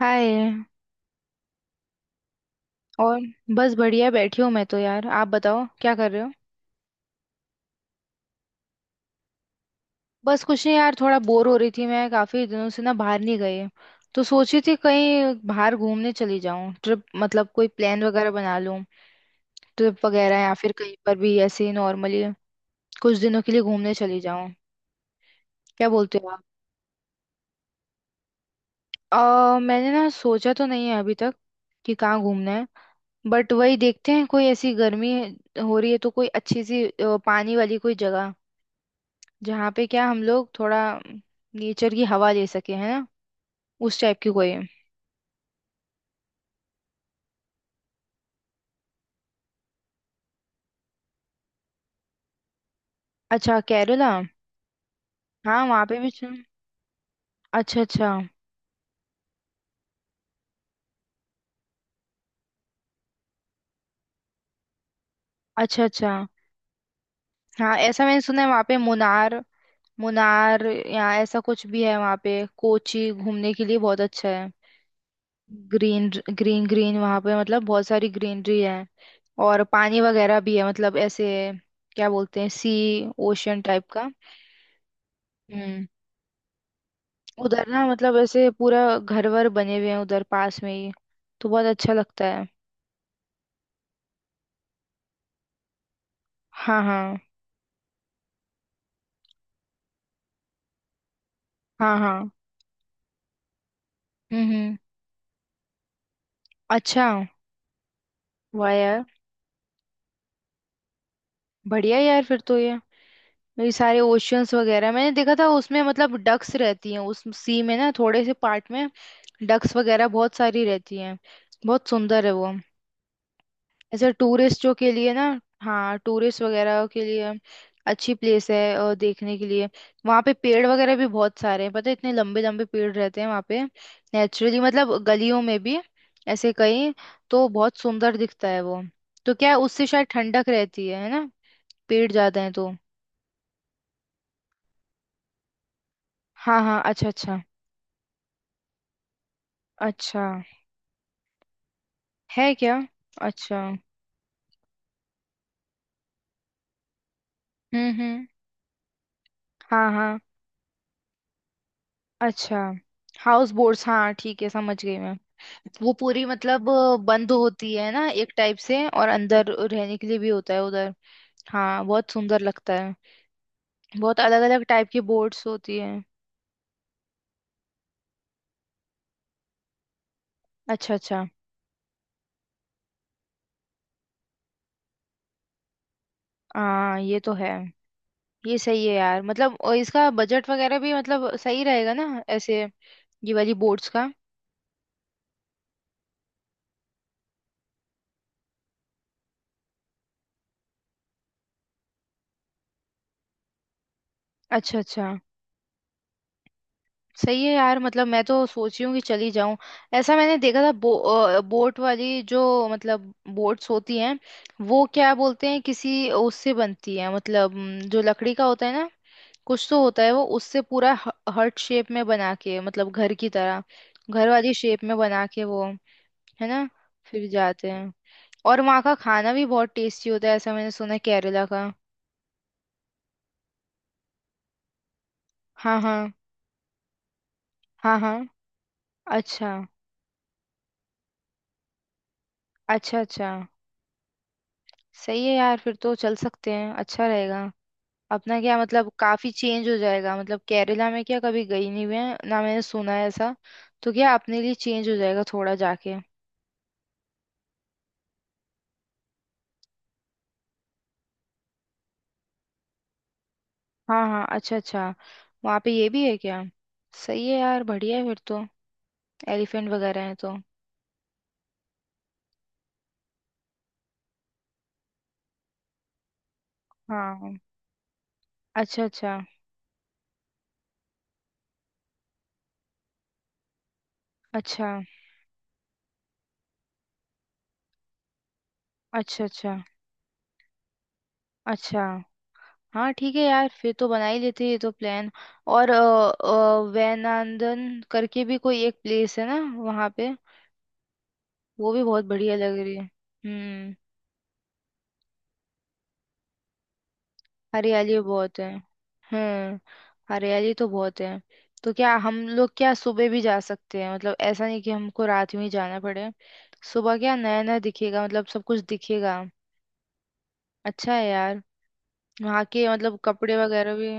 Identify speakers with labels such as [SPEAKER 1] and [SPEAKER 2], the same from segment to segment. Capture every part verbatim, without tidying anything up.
[SPEAKER 1] हाय। और बस बढ़िया बैठी हूँ मैं तो यार। आप बताओ क्या कर रहे हो। बस कुछ नहीं यार, थोड़ा बोर हो रही थी मैं। काफी दिनों से ना बाहर नहीं गई, तो सोची थी कहीं बाहर घूमने चली जाऊं। ट्रिप मतलब कोई प्लान वगैरह बना लूं, ट्रिप वगैरह, या फिर कहीं पर भी ऐसे ही नॉर्मली कुछ दिनों के लिए घूमने चली जाऊं। क्या बोलते हो आप? अ, मैंने ना सोचा तो नहीं है अभी तक कि कहाँ घूमना है। बट वही देखते हैं, कोई ऐसी गर्मी हो रही है तो कोई अच्छी सी अ, पानी वाली कोई जगह, जहाँ पे क्या हम लोग थोड़ा नेचर की हवा ले सके, है ना? उस टाइप की कोई। अच्छा, केरला। हाँ, वहाँ पे भी सुन- अच्छा अच्छा। अच्छा अच्छा। हाँ, ऐसा मैंने सुना है, वहाँ पे मुनार, मुनार या ऐसा कुछ भी है वहाँ पे। कोची घूमने के लिए बहुत अच्छा है। ग्रीन ग्रीन ग्रीन, वहाँ पे मतलब बहुत सारी ग्रीनरी है। और पानी वगैरह भी है, मतलब ऐसे क्या बोलते हैं, सी ओशन टाइप का। हम्म। उधर ना मतलब ऐसे पूरा घर वर बने हुए हैं उधर पास में ही, तो बहुत अच्छा लगता है। हाँ हाँ। हाँ हाँ। हम्म हम्म। अच्छा। वाह यार, बढ़िया यार, फिर तो ये ये सारे ओशियंस वगैरह मैंने देखा था। उसमें मतलब डक्स रहती हैं उस सी में ना, थोड़े से पार्ट में डक्स वगैरह बहुत सारी रहती हैं। बहुत सुंदर है वो। ऐसे टूरिस्टों के लिए ना। हाँ, टूरिस्ट वगैरह के लिए अच्छी प्लेस है, और देखने के लिए। वहाँ पे पेड़ वगैरह भी बहुत सारे हैं, पता है? इतने लंबे लंबे पेड़ रहते हैं वहाँ पे नेचुरली, मतलब गलियों में भी ऐसे कहीं। तो बहुत सुंदर दिखता है वो। तो क्या है, उससे शायद ठंडक रहती है है ना? पेड़ ज्यादा है तो। हाँ हाँ, अच्छा अच्छा। अच्छा। है क्या? अच्छा। हम्म हम्म। हाँ हाँ। अच्छा। हाउस बोट्स, हाँ ठीक है, समझ गई मैं। वो पूरी मतलब अ, बंद होती है ना एक टाइप से, और अंदर रहने के लिए भी होता है उधर। हाँ, बहुत सुंदर लगता है। बहुत अलग अलग टाइप की बोर्ड्स होती है। अच्छा अच्छा। हाँ ये तो है। ये सही है यार, मतलब और इसका बजट वगैरह भी मतलब सही रहेगा ना ऐसे, ये वाली बोर्ड्स का? अच्छा अच्छा। सही है यार, मतलब मैं तो सोच रही हूँ कि चली जाऊं। ऐसा मैंने देखा था, बो, अ, बोट वाली जो, मतलब बोट्स होती हैं, वो क्या बोलते हैं, किसी उससे बनती है मतलब, हम्म, जो लकड़ी का होता है ना, कुछ तो होता है वो, उससे पूरा हर्ट शेप में बना के, मतलब घर की तरह, घर वाली शेप में बना के वो, है ना? फिर जाते हैं। और वहाँ का खाना भी बहुत टेस्टी होता है, ऐसा मैंने सुना है केरला का। हाँ हाँ। हाँ हाँ। अच्छा अच्छा। अच्छा। सही है यार, फिर तो चल सकते हैं, अच्छा रहेगा। अपना क्या मतलब काफी चेंज हो जाएगा, मतलब केरला में क्या कभी गई नहीं हुई है ना, मैंने सुना है ऐसा। तो क्या अपने लिए चेंज हो जाएगा थोड़ा जाके। हाँ हाँ, अच्छा अच्छा। वहाँ पे ये भी है क्या? सही है यार, बढ़िया है फिर तो, एलिफेंट वगैरह हैं तो। हाँ। अच्छा अच्छा। अच्छा अच्छा। अच्छा अच्छा। हाँ ठीक है यार, फिर तो बना ही लेते हैं ये तो प्लान। और अ, अ, वैनांदन करके भी कोई एक प्लेस है ना वहाँ पे, वो भी बहुत बढ़िया लग रही है। हम्म। हरियाली बहुत है। हम्म। हरियाली तो बहुत है। तो क्या हम लोग क्या सुबह भी जा सकते हैं, मतलब ऐसा नहीं कि हमको रात में ही जाना पड़े? सुबह क्या नया नया दिखेगा, मतलब सब कुछ दिखेगा। अच्छा है यार। वहाँ के मतलब कपड़े वगैरह भी?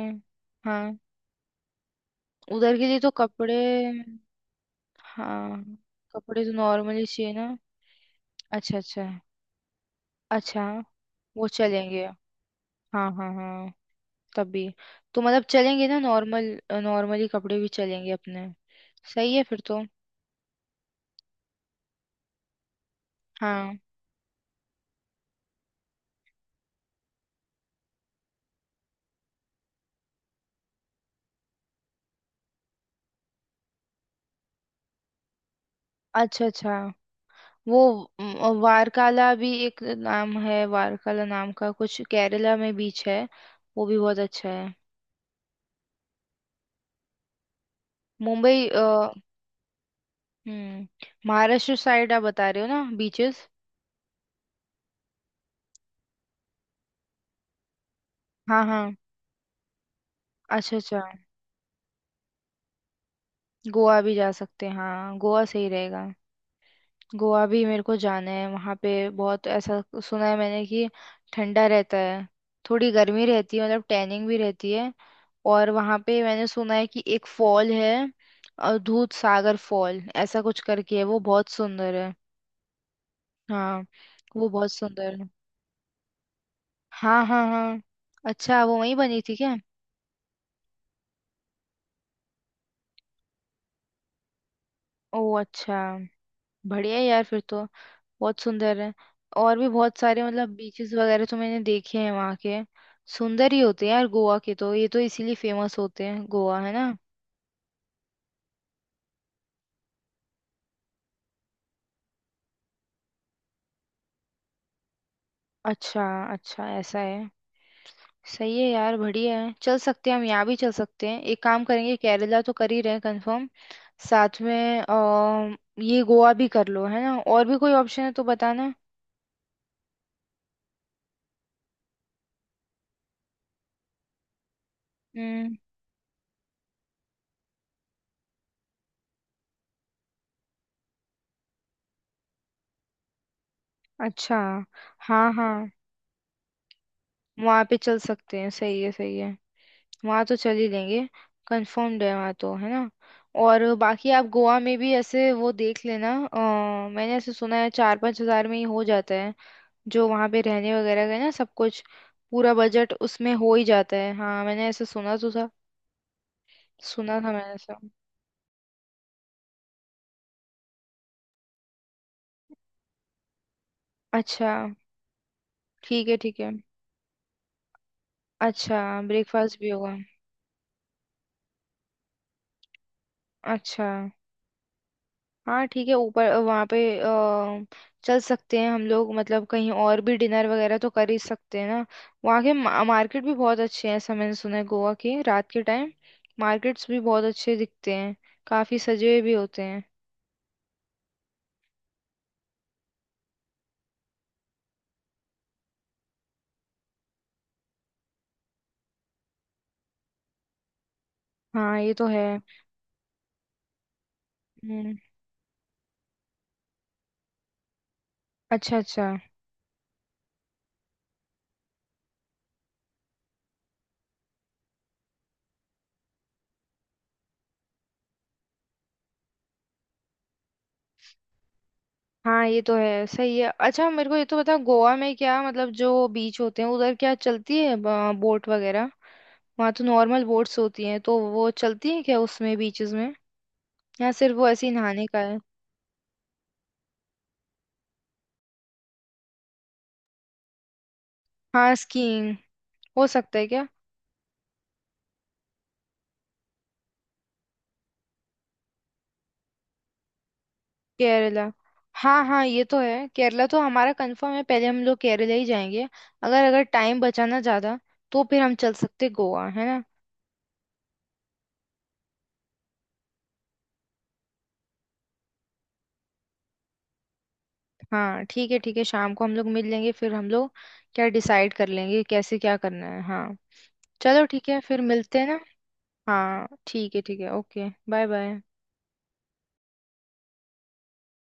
[SPEAKER 1] हाँ, उधर के लिए तो कपड़े, हाँ कपड़े तो नॉर्मली चाहिए ना? अच्छा अच्छा। अच्छा। वो चलेंगे। हाँ हाँ हाँ, तभी। तो मतलब चलेंगे ना नॉर्मल, नॉर्मली कपड़े भी चलेंगे अपने। सही है फिर तो। हाँ। अच्छा अच्छा। वो म, वारकाला भी एक नाम है, वारकाला नाम का कुछ केरला में बीच है, वो भी बहुत अच्छा है। मुंबई, अ, हम्म, महाराष्ट्र साइड आप बता रहे हो ना बीचेस? हाँ हाँ। अच्छा अच्छा, गोवा भी जा सकते हैं, हाँ गोवा सही रहेगा। गोवा भी मेरे को जाना है वहां पे। बहुत ऐसा सुना है मैंने कि ठंडा रहता है, थोड़ी गर्मी रहती है, मतलब टैनिंग भी रहती है। और वहां पे मैंने सुना है कि एक फॉल है, अ, दूध सागर फॉल ऐसा कुछ करके है, वो बहुत सुंदर है। हाँ, वो बहुत सुंदर है। हाँ हाँ हाँ, अच्छा, वो वहीं बनी थी क्या? ओ अच्छा, बढ़िया है यार, फिर तो बहुत सुंदर है। और भी बहुत सारे मतलब बीचेस वगैरह तो मैंने देखे हैं वहाँ के, सुंदर ही होते हैं यार गोवा के तो, ये तो इसीलिए फेमस होते हैं गोवा, है ना? अच्छा। अच्छा ऐसा है। सही है यार, बढ़िया है, चल सकते हैं हम यहाँ भी, चल सकते हैं। एक काम करेंगे, केरला तो कर ही रहे हैं कंफर्म, साथ में अ, ये गोवा भी कर लो, है ना? और भी कोई ऑप्शन है तो बताना। हम्म। अच्छा। हाँ हाँ, वहाँ पे चल सकते हैं, सही है सही है। वहाँ तो चल ही लेंगे, कंफर्म्ड है वहाँ तो, है ना? और बाकी आप गोवा में भी ऐसे वो देख लेना, अ, मैंने ऐसे सुना है चार पाँच हजार में ही हो जाता है, जो वहाँ पे रहने वगैरह का ना सब कुछ, पूरा बजट उसमें हो ही जाता है, हाँ मैंने ऐसे सुना तो था। सुना था मैंने ऐसा। अच्छा। ठीक है ठीक है। अच्छा, ब्रेकफास्ट भी होगा। अच्छा। हाँ ठीक है, ऊपर वहाँ पे अ, चल सकते हैं हम लोग, मतलब कहीं और भी डिनर वगैरह तो कर ही सकते हैं ना। वहाँ के मा- मार्केट भी बहुत अच्छे हैं ऐसा मैंने सुना है, गोवा के रात के टाइम मार्केट्स भी बहुत अच्छे दिखते हैं, काफी सजे हुए भी होते हैं। हाँ ये तो है। हम्म। अच्छा अच्छा। हाँ ये तो है, सही है। अच्छा, मेरे को ये तो बता, गोवा में क्या मतलब, जो बीच होते हैं उधर क्या चलती है बोट वगैरह? वहाँ तो नॉर्मल बोट्स होती हैं, तो वो चलती है क्या उसमें बीचेस में, या सिर्फ वो ऐसे ही नहाने का है? हाँ स्कीइंग, हो सकता है क्या? केरला, हाँ हाँ ये तो है, केरला तो हमारा कंफर्म है, पहले हम लोग केरला ही जाएंगे। अगर अगर टाइम बचाना ज़्यादा तो फिर हम चल सकते गोवा, है ना? हाँ ठीक है ठीक है, शाम को हम लोग मिल लेंगे फिर हम लोग, क्या डिसाइड कर लेंगे कैसे क्या करना है, हाँ। चलो ठीक है, फिर मिलते हैं ना। हाँ ठीक है ठीक है, ओके, बाय बाय।